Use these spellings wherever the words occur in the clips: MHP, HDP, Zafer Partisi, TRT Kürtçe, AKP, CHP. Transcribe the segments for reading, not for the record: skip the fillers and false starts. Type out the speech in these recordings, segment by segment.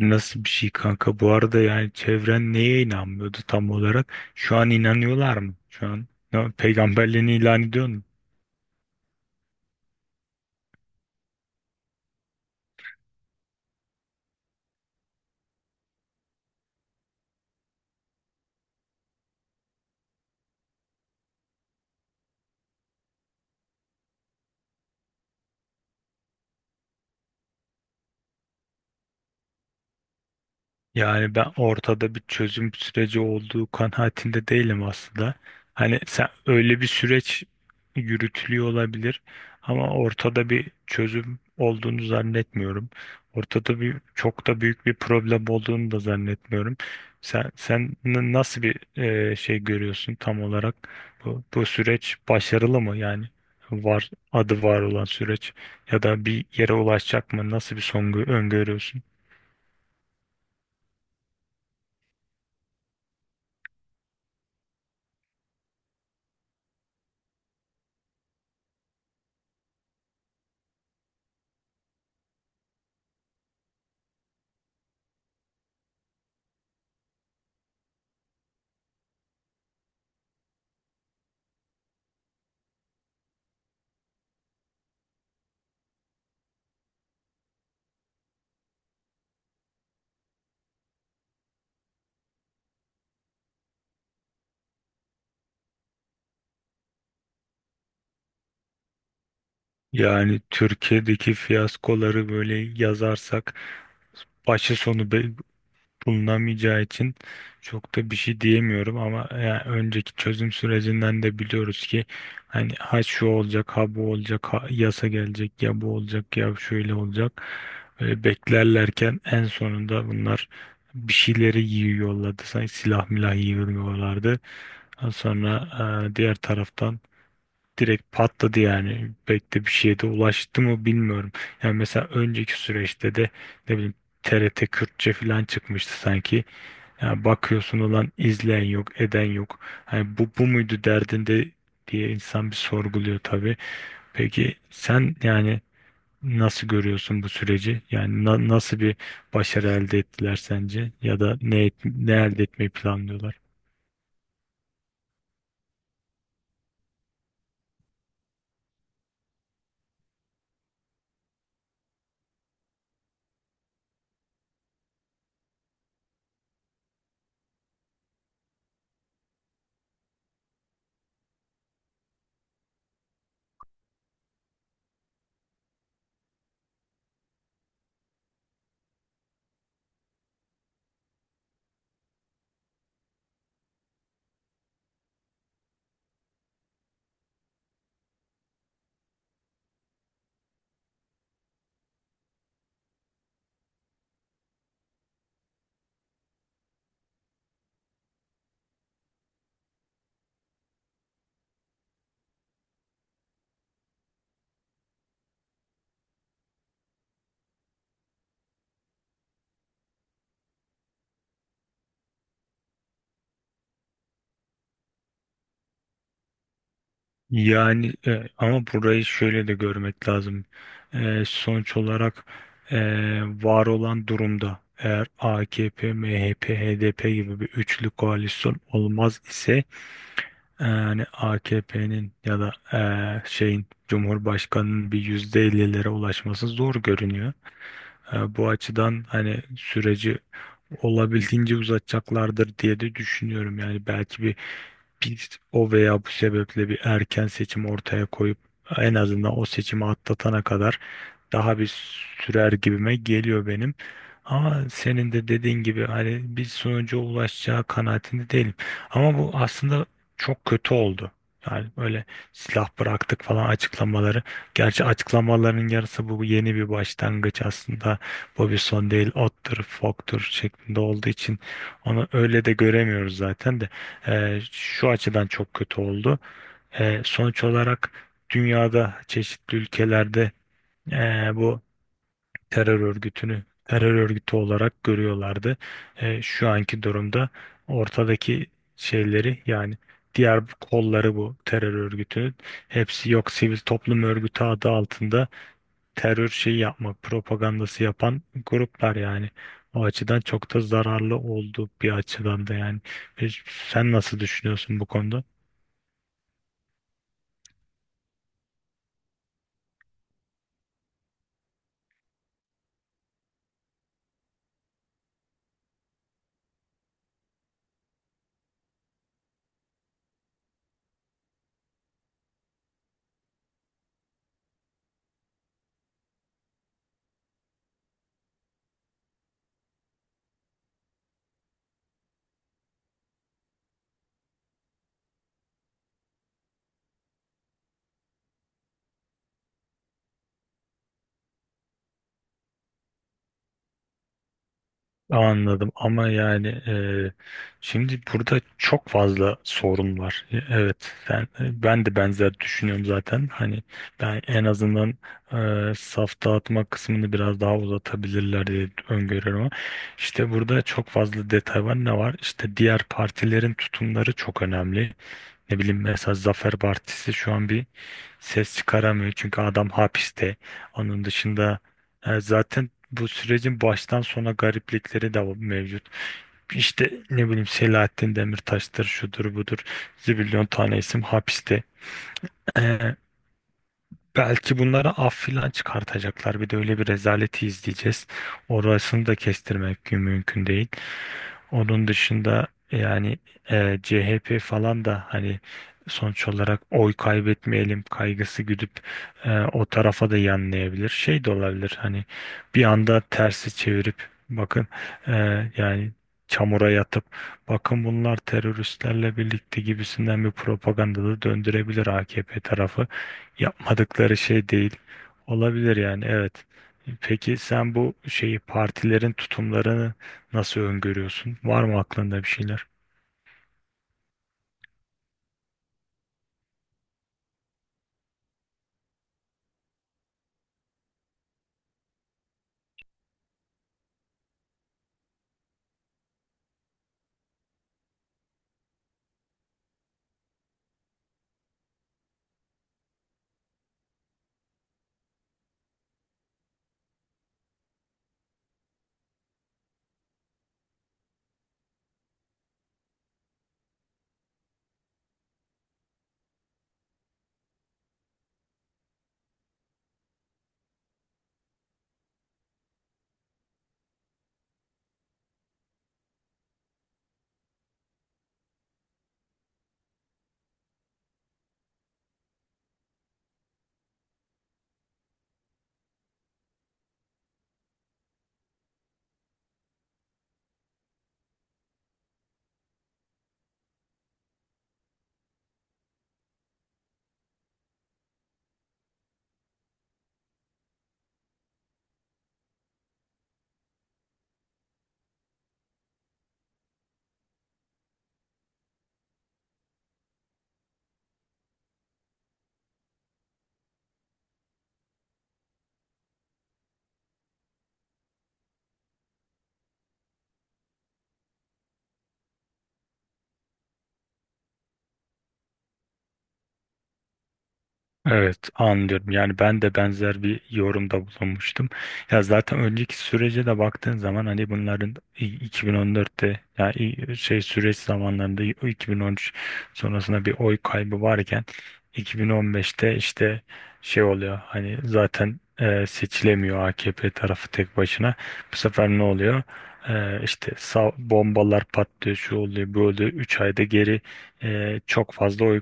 Nasıl bir şey kanka? Bu arada yani çevren neye inanmıyordu tam olarak? Şu an inanıyorlar mı? Şu an peygamberliğini ilan ediyor mu? Yani ben ortada bir çözüm süreci olduğu kanaatinde değilim aslında. Hani sen öyle bir süreç yürütülüyor olabilir ama ortada bir çözüm olduğunu zannetmiyorum. Ortada bir çok da büyük bir problem olduğunu da zannetmiyorum. Sen nasıl bir şey görüyorsun tam olarak? Bu süreç başarılı mı yani? Var adı var olan süreç ya da bir yere ulaşacak mı? Nasıl bir son öngörüyorsun? Yani Türkiye'deki fiyaskoları böyle yazarsak başı sonu bulunamayacağı için çok da bir şey diyemiyorum ama yani önceki çözüm sürecinden de biliyoruz ki hani ha şu olacak ha bu olacak ha yasa gelecek ya bu olacak ya şöyle olacak böyle beklerlerken en sonunda bunlar bir şeyleri yiyor yolladı sanki silah milah yiyorlardı, sonra diğer taraftan direkt patladı yani. Pek de bir şeye de ulaştı mı bilmiyorum. Yani mesela önceki süreçte de ne bileyim TRT Kürtçe falan çıkmıştı sanki. Yani bakıyorsun olan izleyen yok, eden yok. Hani bu muydu derdinde diye insan bir sorguluyor tabii. Peki sen yani nasıl görüyorsun bu süreci? Yani nasıl bir başarı elde ettiler sence? Ya da ne, ne elde etmeyi planlıyorlar? Yani ama burayı şöyle de görmek lazım. Sonuç olarak e, var olan durumda eğer AKP, MHP, HDP gibi bir üçlü koalisyon olmaz ise, yani AKP'nin ya da şeyin Cumhurbaşkanının bir %50'lere ulaşması zor görünüyor. Bu açıdan hani süreci olabildiğince uzatacaklardır diye de düşünüyorum. Yani belki bir biz o veya bu sebeple bir erken seçim ortaya koyup en azından o seçimi atlatana kadar daha bir sürer gibime geliyor benim. Ama senin de dediğin gibi hani bir sonuca ulaşacağı kanaatinde değilim. Ama bu aslında çok kötü oldu. Yani böyle silah bıraktık falan açıklamaları. Gerçi açıklamaların yarısı bu yeni bir başlangıç aslında. Bu bir son değil, ottur, foktur şeklinde olduğu için onu öyle de göremiyoruz zaten de. Şu açıdan çok kötü oldu. Sonuç olarak dünyada çeşitli ülkelerde bu terör örgütünü terör örgütü olarak görüyorlardı. Şu anki durumda ortadaki şeyleri, yani diğer kolları bu terör örgütünün, hepsi yok sivil toplum örgütü adı altında terör şeyi yapmak propagandası yapan gruplar yani. O açıdan çok da zararlı oldu bir açıdan da yani. E, Sen nasıl düşünüyorsun bu konuda? Anladım ama yani şimdi burada çok fazla sorun var. Evet, sen, ben de benzer düşünüyorum zaten. Hani ben en azından saf dağıtma kısmını biraz daha uzatabilirler diye öngörüyorum ama işte burada çok fazla detay var. Ne var? İşte diğer partilerin tutumları çok önemli. Ne bileyim mesela Zafer Partisi şu an bir ses çıkaramıyor çünkü adam hapiste. Onun dışında zaten bu sürecin baştan sona gariplikleri de mevcut. İşte ne bileyim Selahattin Demirtaş'tır, şudur budur, zibilyon tane isim hapiste. E, Belki bunlara af filan çıkartacaklar. Bir de öyle bir rezaleti izleyeceğiz. Orasını da kestirmek mümkün değil. Onun dışında yani CHP falan da hani sonuç olarak oy kaybetmeyelim kaygısı güdüp o tarafa da yanlayabilir. Şey de olabilir, hani bir anda tersi çevirip bakın, e, yani çamura yatıp bakın bunlar teröristlerle birlikte gibisinden bir propaganda da döndürebilir AKP tarafı, yapmadıkları şey değil. Olabilir yani, evet. Peki sen bu şeyi, partilerin tutumlarını nasıl öngörüyorsun? Var mı aklında bir şeyler? Evet, anlıyorum. Yani ben de benzer bir yorumda bulunmuştum. Ya zaten önceki sürece de baktığın zaman hani bunların 2014'te ya şey süreç zamanlarında 2013 sonrasında bir oy kaybı varken 2015'te işte şey oluyor. Hani zaten seçilemiyor AKP tarafı tek başına. Bu sefer ne oluyor? İşte sağ, bombalar patlıyor, şu oluyor, böyle oluyor. Üç ayda geri çok fazla oy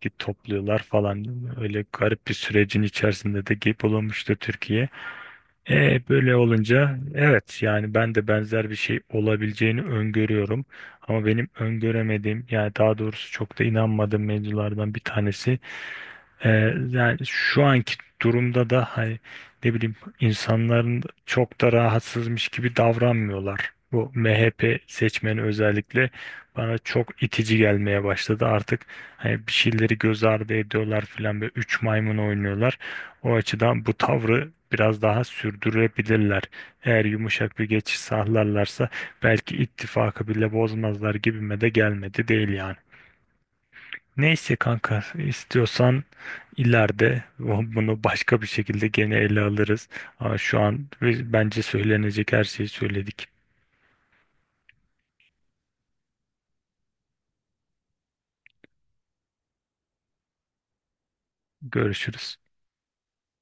git topluyorlar falan. Öyle garip bir sürecin içerisinde de geyik bulunmuştu Türkiye. Böyle olunca evet yani ben de benzer bir şey olabileceğini öngörüyorum. Ama benim öngöremediğim, yani daha doğrusu çok da inanmadığım mevzulardan bir tanesi, ee, yani şu anki durumda da hani, ne bileyim, insanların çok da rahatsızmış gibi davranmıyorlar. Bu MHP seçmeni özellikle bana çok itici gelmeye başladı. Artık hani bir şeyleri göz ardı ediyorlar filan ve üç maymun oynuyorlar. O açıdan bu tavrı biraz daha sürdürebilirler. Eğer yumuşak bir geçiş sağlarlarsa belki ittifakı bile bozmazlar gibime de gelmedi değil yani. Neyse kanka, istiyorsan ileride bunu başka bir şekilde gene ele alırız. Ama şu an bence söylenecek her şeyi söyledik. Görüşürüz.